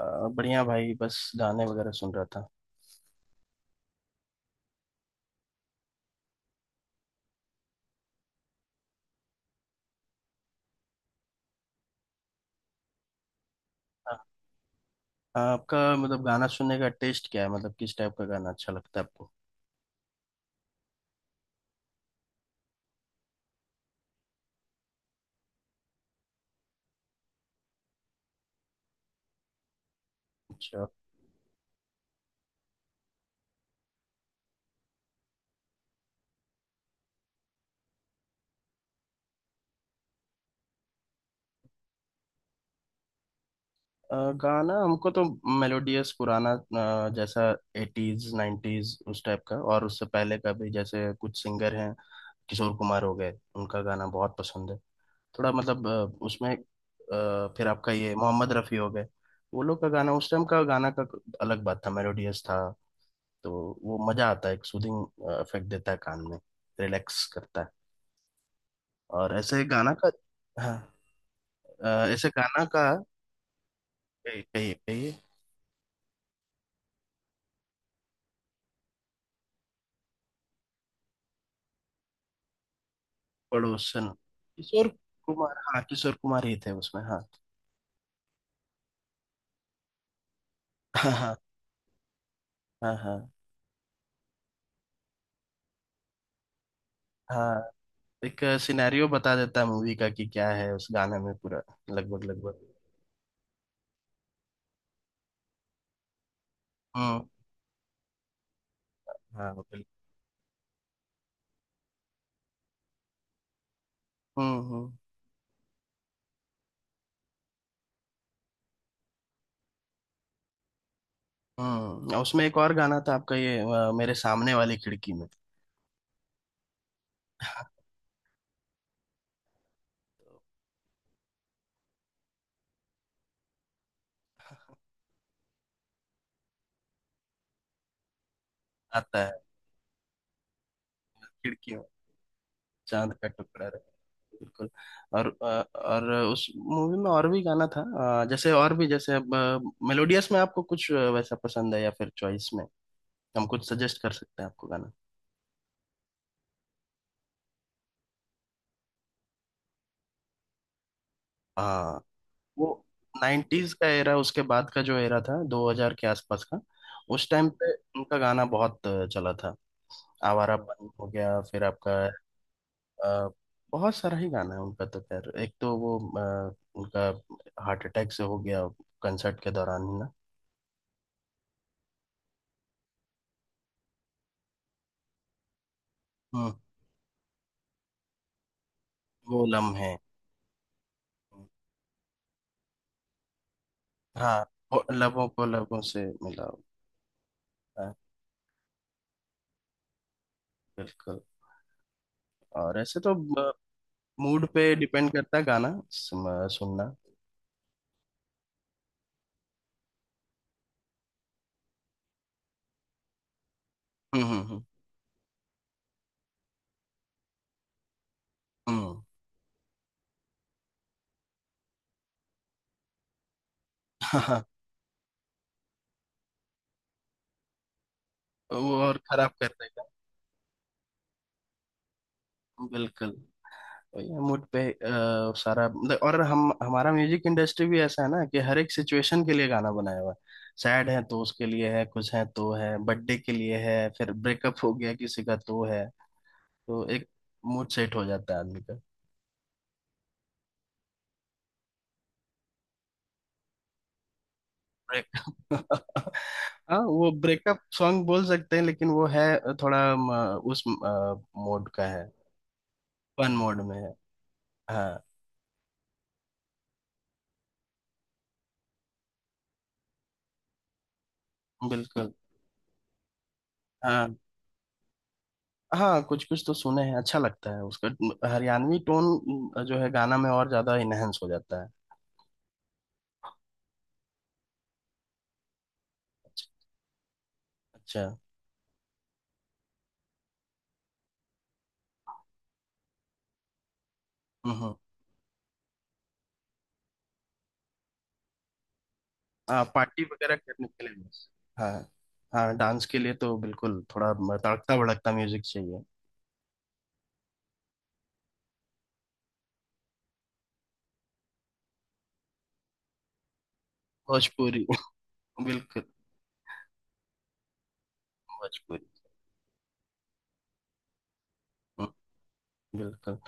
अ, बढ़िया भाई, बस गाने वगैरह सुन रहा था। आ- आपका मतलब गाना सुनने का टेस्ट क्या है? मतलब किस टाइप का गाना अच्छा लगता है आपको? अच्छा। अ, गाना हमको तो मेलोडियस पुराना जैसा एटीज नाइन्टीज उस टाइप का, और उससे पहले का भी। जैसे कुछ सिंगर हैं, किशोर कुमार हो गए, उनका गाना बहुत पसंद है। थोड़ा मतलब उसमें फिर आपका ये मोहम्मद रफ़ी हो गए। वो लोग का गाना, उस टाइम का गाना का अलग बात था, मेलोडियस था। तो वो मजा आता है, एक सूदिंग इफेक्ट देता है कान में, रिलैक्स करता है, और ऐसे गाना का। हाँ, ऐसे गाना का। कहिए कहिए कहिए। पड़ोसन। किशोर कुमार, हाँ किशोर कुमार ही थे उसमें, हाँ। हाँ। हाँ। हाँ। हाँ। हाँ। एक सिनेरियो बता देता है मूवी का, कि क्या है उस गाने में पूरा, लगभग लगभग। हम्म। हाँ, बिल्कुल। हम्म हम्म हम्म, और उसमें एक और गाना था आपका ये मेरे सामने वाली खिड़की में। आता है। खिड़की, चांद का टुकड़ा रहे। बिल्कुल। और अ, और उस मूवी में और भी गाना था। जैसे और भी, जैसे अब मेलोडियस में आपको कुछ वैसा पसंद है, या फिर चॉइस में हम कुछ सजेस्ट कर सकते हैं आपको गाना। हाँ। वो नाइन्टीज का एरा, उसके बाद का जो एरा था 2000 के आसपास का, उस टाइम पे उनका गाना बहुत चला था। आवारापन हो गया, फिर आपका अ, बहुत सारा ही गाना है उनका तो। खैर, एक तो वो अ, उनका हार्ट अटैक से हो गया कंसर्ट के दौरान ही ना। हम्म। वो लम्हे, हाँ। वो लबों को लबों से मिलाओ। हाँ, बिल्कुल। और ऐसे तो मूड पे डिपेंड करता है गाना सुनना। हम्म। हम्म। वो और खराब कर देगा। बिल्कुल। मूड पे सारा मतलब। और हम हमारा म्यूजिक इंडस्ट्री भी ऐसा है ना, कि हर एक सिचुएशन के लिए गाना बनाया हुआ है। सैड है तो उसके लिए है, कुछ है तो है, बर्थडे के लिए है, फिर ब्रेकअप हो गया किसी का तो है। तो एक मूड सेट हो जाता है आदमी। break- हाँ, वो ब्रेकअप सॉन्ग बोल सकते हैं, लेकिन वो है थोड़ा उस मोड का है। फन मोड में है। हाँ, बिल्कुल। हाँ हाँ, कुछ कुछ तो सुने हैं। अच्छा लगता है उसका हरियाणवी टोन, जो है गाना में और ज्यादा इनहेंस हो जाता है। अच्छा। हम्म। हाँ, पार्टी वगैरह करने के लिए बस। हाँ हाँ, डांस के लिए तो बिल्कुल थोड़ा तड़कता भड़कता म्यूजिक चाहिए। भोजपुरी। बिल्कुल। भोजपुरी। बिल्कुल।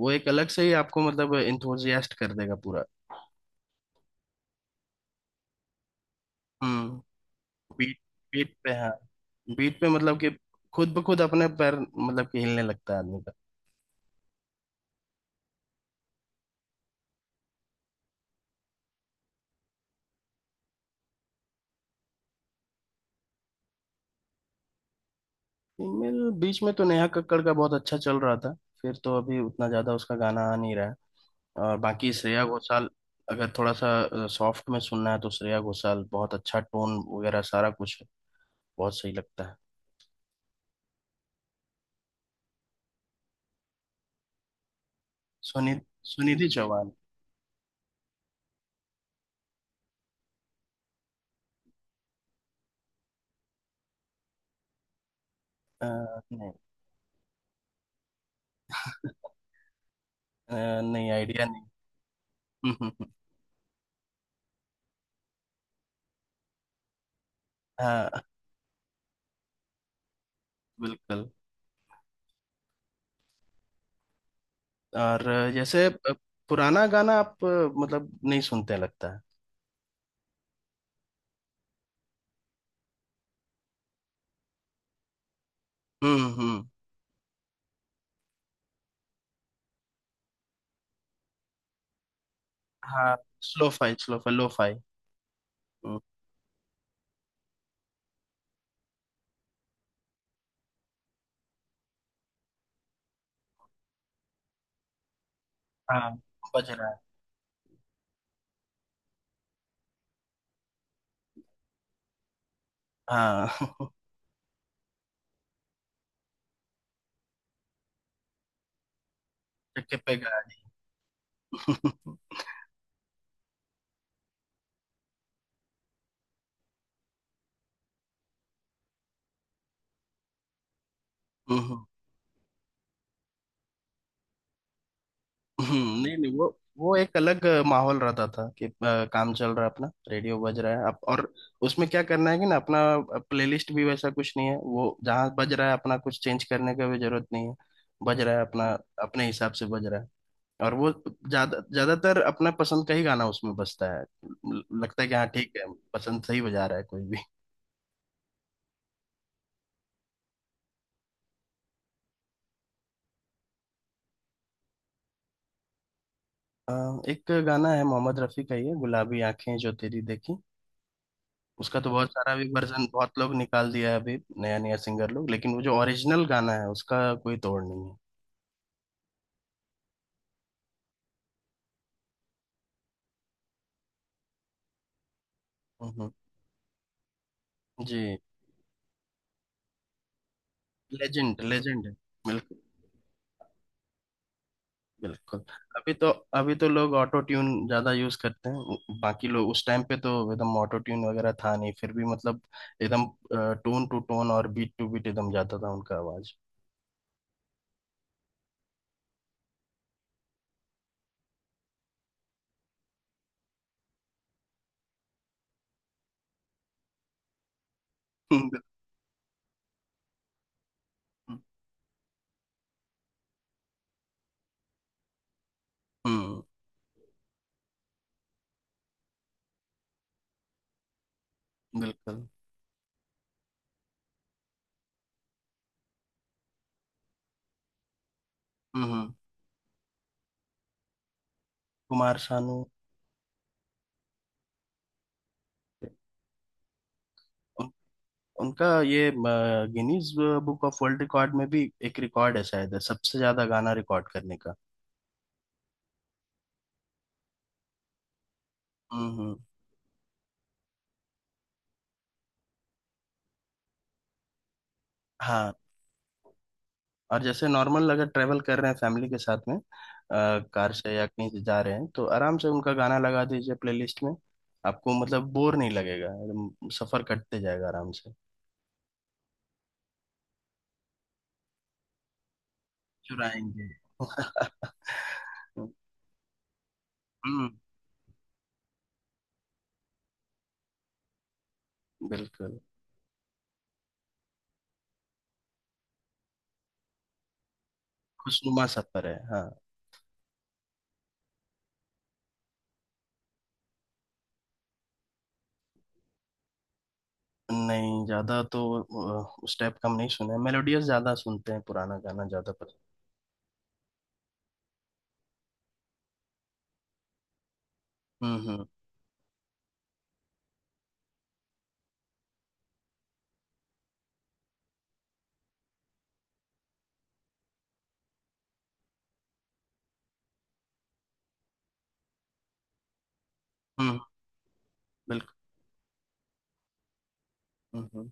वो एक अलग से ही आपको मतलब इंथुजियास्ट कर देगा पूरा। हम्म। बीट, बीट पे हाँ, बीट पे मतलब कि खुद ब खुद अपने पैर, मतलब कि हिलने लगता है आदमी का। फीमेल, बीच में तो नेहा कक्कड़ का बहुत अच्छा चल रहा था, फिर तो अभी उतना ज्यादा उसका गाना आ नहीं रहा है। और बाकी श्रेया घोषाल। अगर थोड़ा सा सॉफ्ट में सुनना है तो श्रेया घोषाल बहुत अच्छा, टोन वगैरह सारा कुछ बहुत सही लगता है। सुनि सुनिधि चौहान। अ, नहीं। नहीं आइडिया। नहीं। हाँ, बिल्कुल। और जैसे पुराना गाना आप मतलब नहीं सुनते लगता है। हम्म। हाँ, slow fi, slow fi lo fi. हम्म। हाँ, बज रहा है। हाँ। चक्के पे गाड़ी। हम्म। हम्म। नहीं नहीं, वो एक अलग माहौल रहता था कि काम चल रहा है, अपना रेडियो बज रहा है, आप और उसमें क्या करना है कि ना, अपना प्लेलिस्ट भी वैसा कुछ नहीं है, वो जहाँ बज रहा है अपना, कुछ चेंज करने का भी जरूरत नहीं है। बज रहा है अपना, अपने हिसाब से बज रहा है। और वो ज्यादा ज्यादातर अपना पसंद का ही गाना उसमें बजता है, लगता है कि हाँ ठीक है। पसंद सही बजा रहा है कोई भी। अ, एक गाना है मोहम्मद रफी का, ये गुलाबी आंखें जो तेरी देखी। उसका तो बहुत सारा भी वर्जन बहुत लोग निकाल दिया है अभी, नया नया सिंगर लोग, लेकिन वो जो ओरिजिनल गाना है उसका कोई तोड़ नहीं है। हम्म। जी। लेजेंड, लेजेंड है। बिल्कुल। अभी तो अभी तो लोग ऑटो ट्यून ज्यादा यूज करते हैं, बाकी लोग उस टाइम पे तो एकदम ऑटो ट्यून वगैरह था नहीं, फिर भी मतलब एकदम टोन टू टोन और बीट टू बीट एकदम जाता था उनका आवाज। हम्म हम्म। बिल्कुल। हम्म। कुमार सानू। उन, उनका ये Guinness book of world record में भी एक रिकॉर्ड है, शायद सबसे ज्यादा गाना रिकॉर्ड करने का। हम्म। हाँ। और जैसे नॉर्मल, अगर ट्रेवल कर रहे हैं फैमिली के साथ में कार से या कहीं से जा रहे हैं, तो आराम से उनका गाना लगा दीजिए प्लेलिस्ट में। आपको मतलब बोर नहीं लगेगा एकदम, सफर कटते जाएगा आराम से। चुराएंगे। हम्म। बिल्कुल। खुशनुमा सफर है। हाँ। नहीं, ज्यादा तो उस टाइप का हम नहीं सुने, मेलोडियस ज्यादा सुनते हैं, पुराना गाना ज्यादा पसंद। हम्म हम्म हम्म। बिल्कुल। हम्म।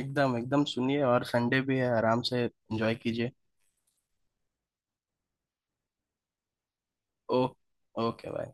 एकदम एकदम सुनिए, और संडे भी है, आराम से एंजॉय कीजिए। ओ। Okay, bye.